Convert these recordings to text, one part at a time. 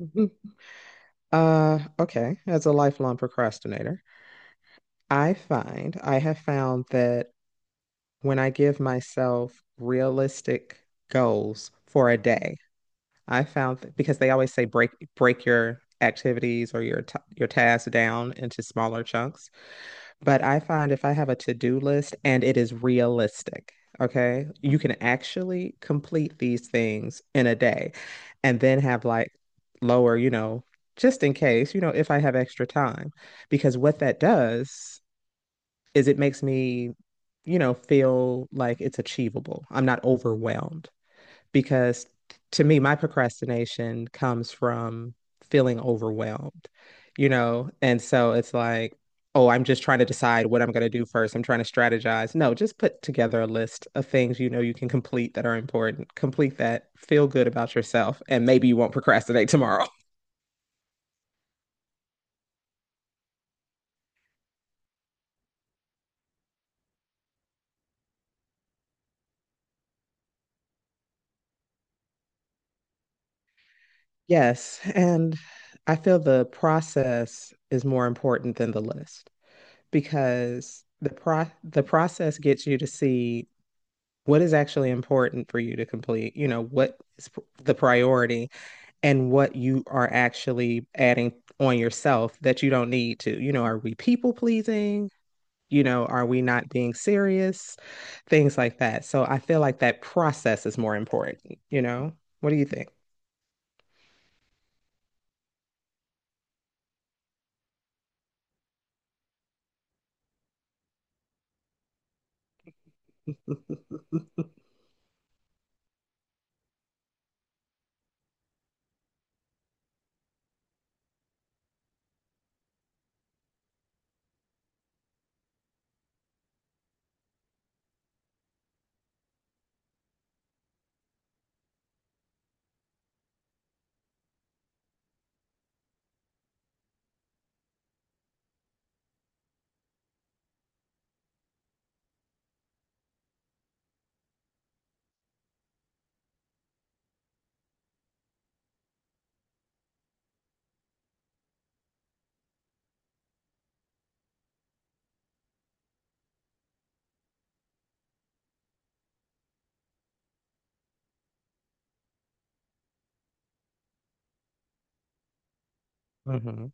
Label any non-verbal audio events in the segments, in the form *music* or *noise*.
Mhm. Okay. As a lifelong procrastinator, I have found that when I give myself realistic goals for a day, I found that because they always say break your activities or your ta your tasks down into smaller chunks. But I find if I have a to-do list and it is realistic, okay, you can actually complete these things in a day and then have like lower, just in case, if I have extra time. Because what that does is it makes me, feel like it's achievable. I'm not overwhelmed because to me, my procrastination comes from feeling overwhelmed. And so it's like, oh, I'm just trying to decide what I'm going to do first. I'm trying to strategize. No, just put together a list of things you know you can complete that are important. Complete that, feel good about yourself, and maybe you won't procrastinate tomorrow. *laughs* Yes, and I feel the process is more important than the list because the pro the process gets you to see what is actually important for you to complete, you know, what is the priority and what you are actually adding on yourself that you don't need to. You know, are we people pleasing? You know, are we not being serious? Things like that. So I feel like that process is more important, you know? What do you think? *laughs* hmm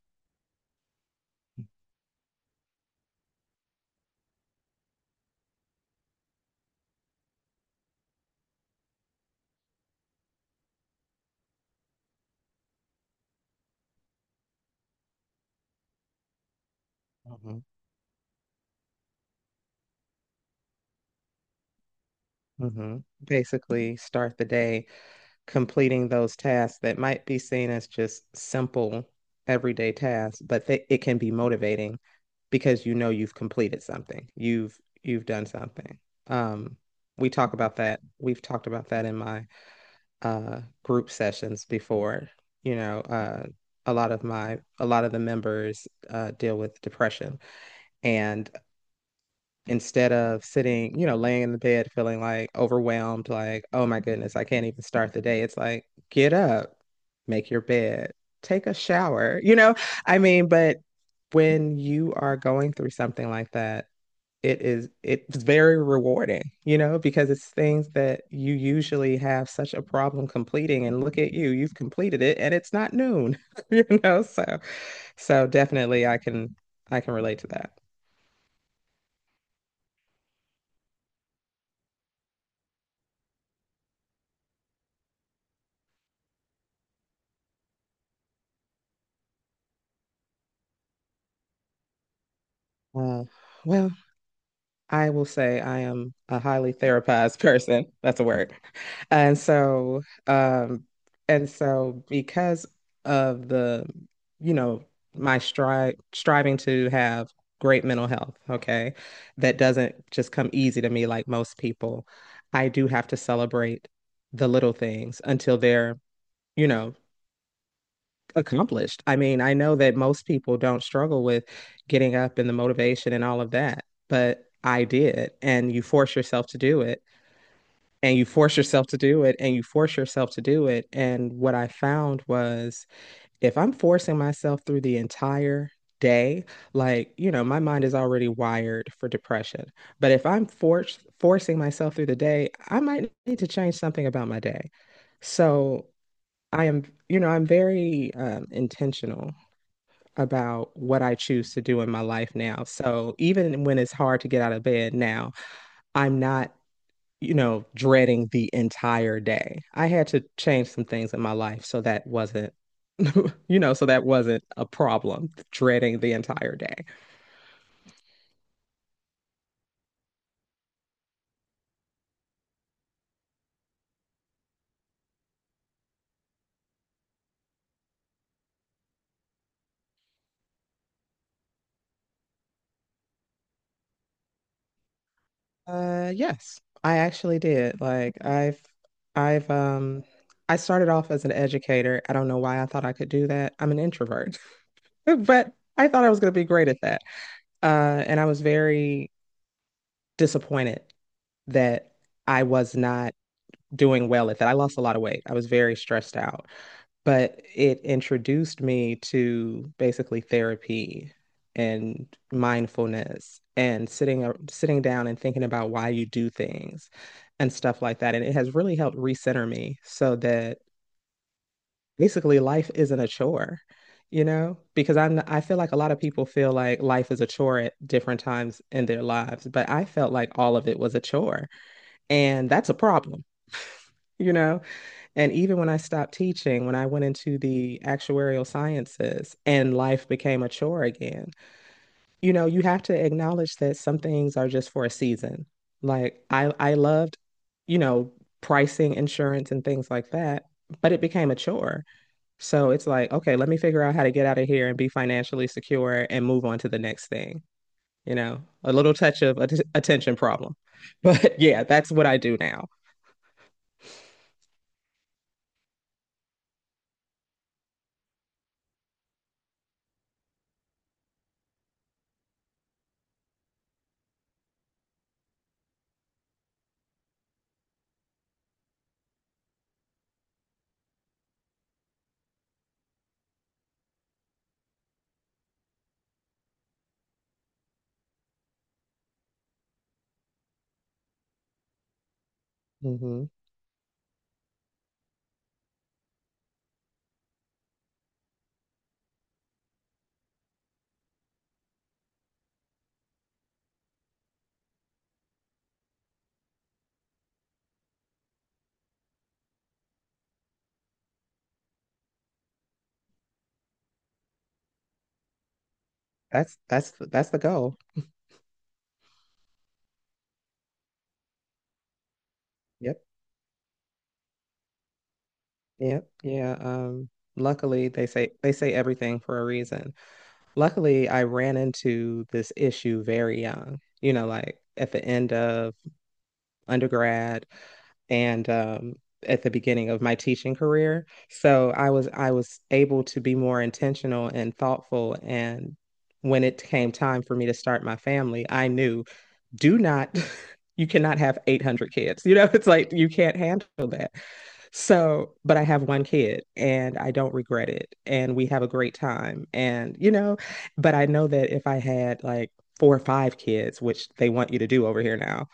hmm hmm Basically, start the day completing those tasks that might be seen as just simple everyday tasks, but it can be motivating because you know you've completed something. You've done something. Um, we talk about that. We've talked about that in my group sessions before. You know, a lot of the members deal with depression, and instead of sitting, you know, laying in the bed feeling like overwhelmed, like, oh my goodness, I can't even start the day. It's like, get up, make your bed, take a shower, you know? I mean, but when you are going through something like that, it's very rewarding, you know, because it's things that you usually have such a problem completing and look at you, you've completed it and it's not noon, *laughs* you know? So definitely I can relate to that. Uh, well, I will say I am a highly therapized *laughs* person. That's a word. And so, um, and so because of the, you know, my strive striving to have great mental health, okay, that doesn't just come easy to me like most people. I do have to celebrate the little things until they're, you know, accomplished. I mean, I know that most people don't struggle with getting up and the motivation and all of that, but I did. And you force yourself to do it, and you force yourself to do it. And what I found was if I'm forcing myself through the entire day, like, you know, my mind is already wired for depression. But if I'm forced forcing myself through the day, I might need to change something about my day. So I am, you know, I'm very intentional about what I choose to do in my life now. So even when it's hard to get out of bed now, I'm not, you know, dreading the entire day. I had to change some things in my life so that wasn't, *laughs* you know, so that wasn't a problem, dreading the entire day. Yes, I actually did. I've um I started off as an educator. I don't know why I thought I could do that. I'm an introvert, *laughs* but I thought I was going to be great at that. And I was very disappointed that I was not doing well at that. I lost a lot of weight. I was very stressed out but it introduced me to basically therapy and mindfulness and sitting down and thinking about why you do things and stuff like that. And it has really helped recenter me so that basically life isn't a chore, you know? Because I feel like a lot of people feel like life is a chore at different times in their lives, but I felt like all of it was a chore, and that's a problem. You know, and even when I stopped teaching, when I went into the actuarial sciences and life became a chore again, you know, you have to acknowledge that some things are just for a season. Like I loved, you know, pricing insurance and things like that, but it became a chore. So it's like, okay, let me figure out how to get out of here and be financially secure and move on to the next thing. You know, a little touch of attention problem. *laughs* But yeah, that's what I do now. Hmm That's the goal. Yep. Yep. Yeah. Luckily they say everything for a reason. Luckily, I ran into this issue very young, you know, like at the end of undergrad and at the beginning of my teaching career. So I was able to be more intentional and thoughtful and when it came time for me to start my family, I knew do not *laughs* you cannot have 800 kids, you know. *laughs* It's like you can't handle that, so but I have one kid and I don't regret it and we have a great time, and you know, but I know that if I had like 4 or 5 kids, which they want you to do over here now,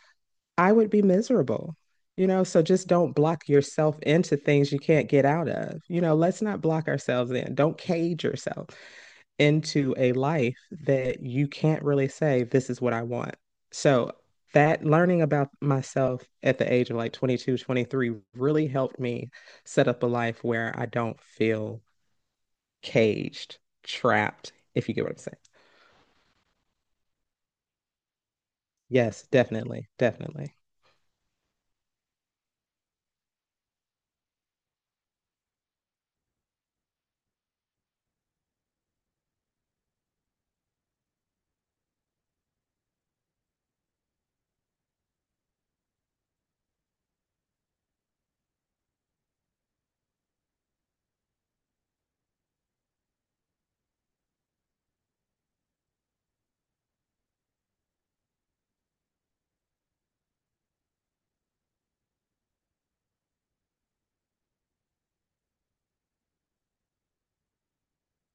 I would be miserable, you know? So just don't block yourself into things you can't get out of, you know, let's not block ourselves in. Don't cage yourself into a life that you can't really say, this is what I want. So that learning about myself at the age of like 22, 23 really helped me set up a life where I don't feel caged, trapped, if you get what I'm saying. Yes, definitely, definitely.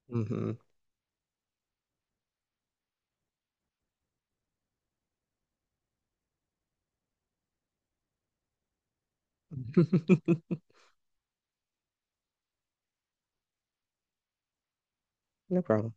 Hmm *laughs* No problem.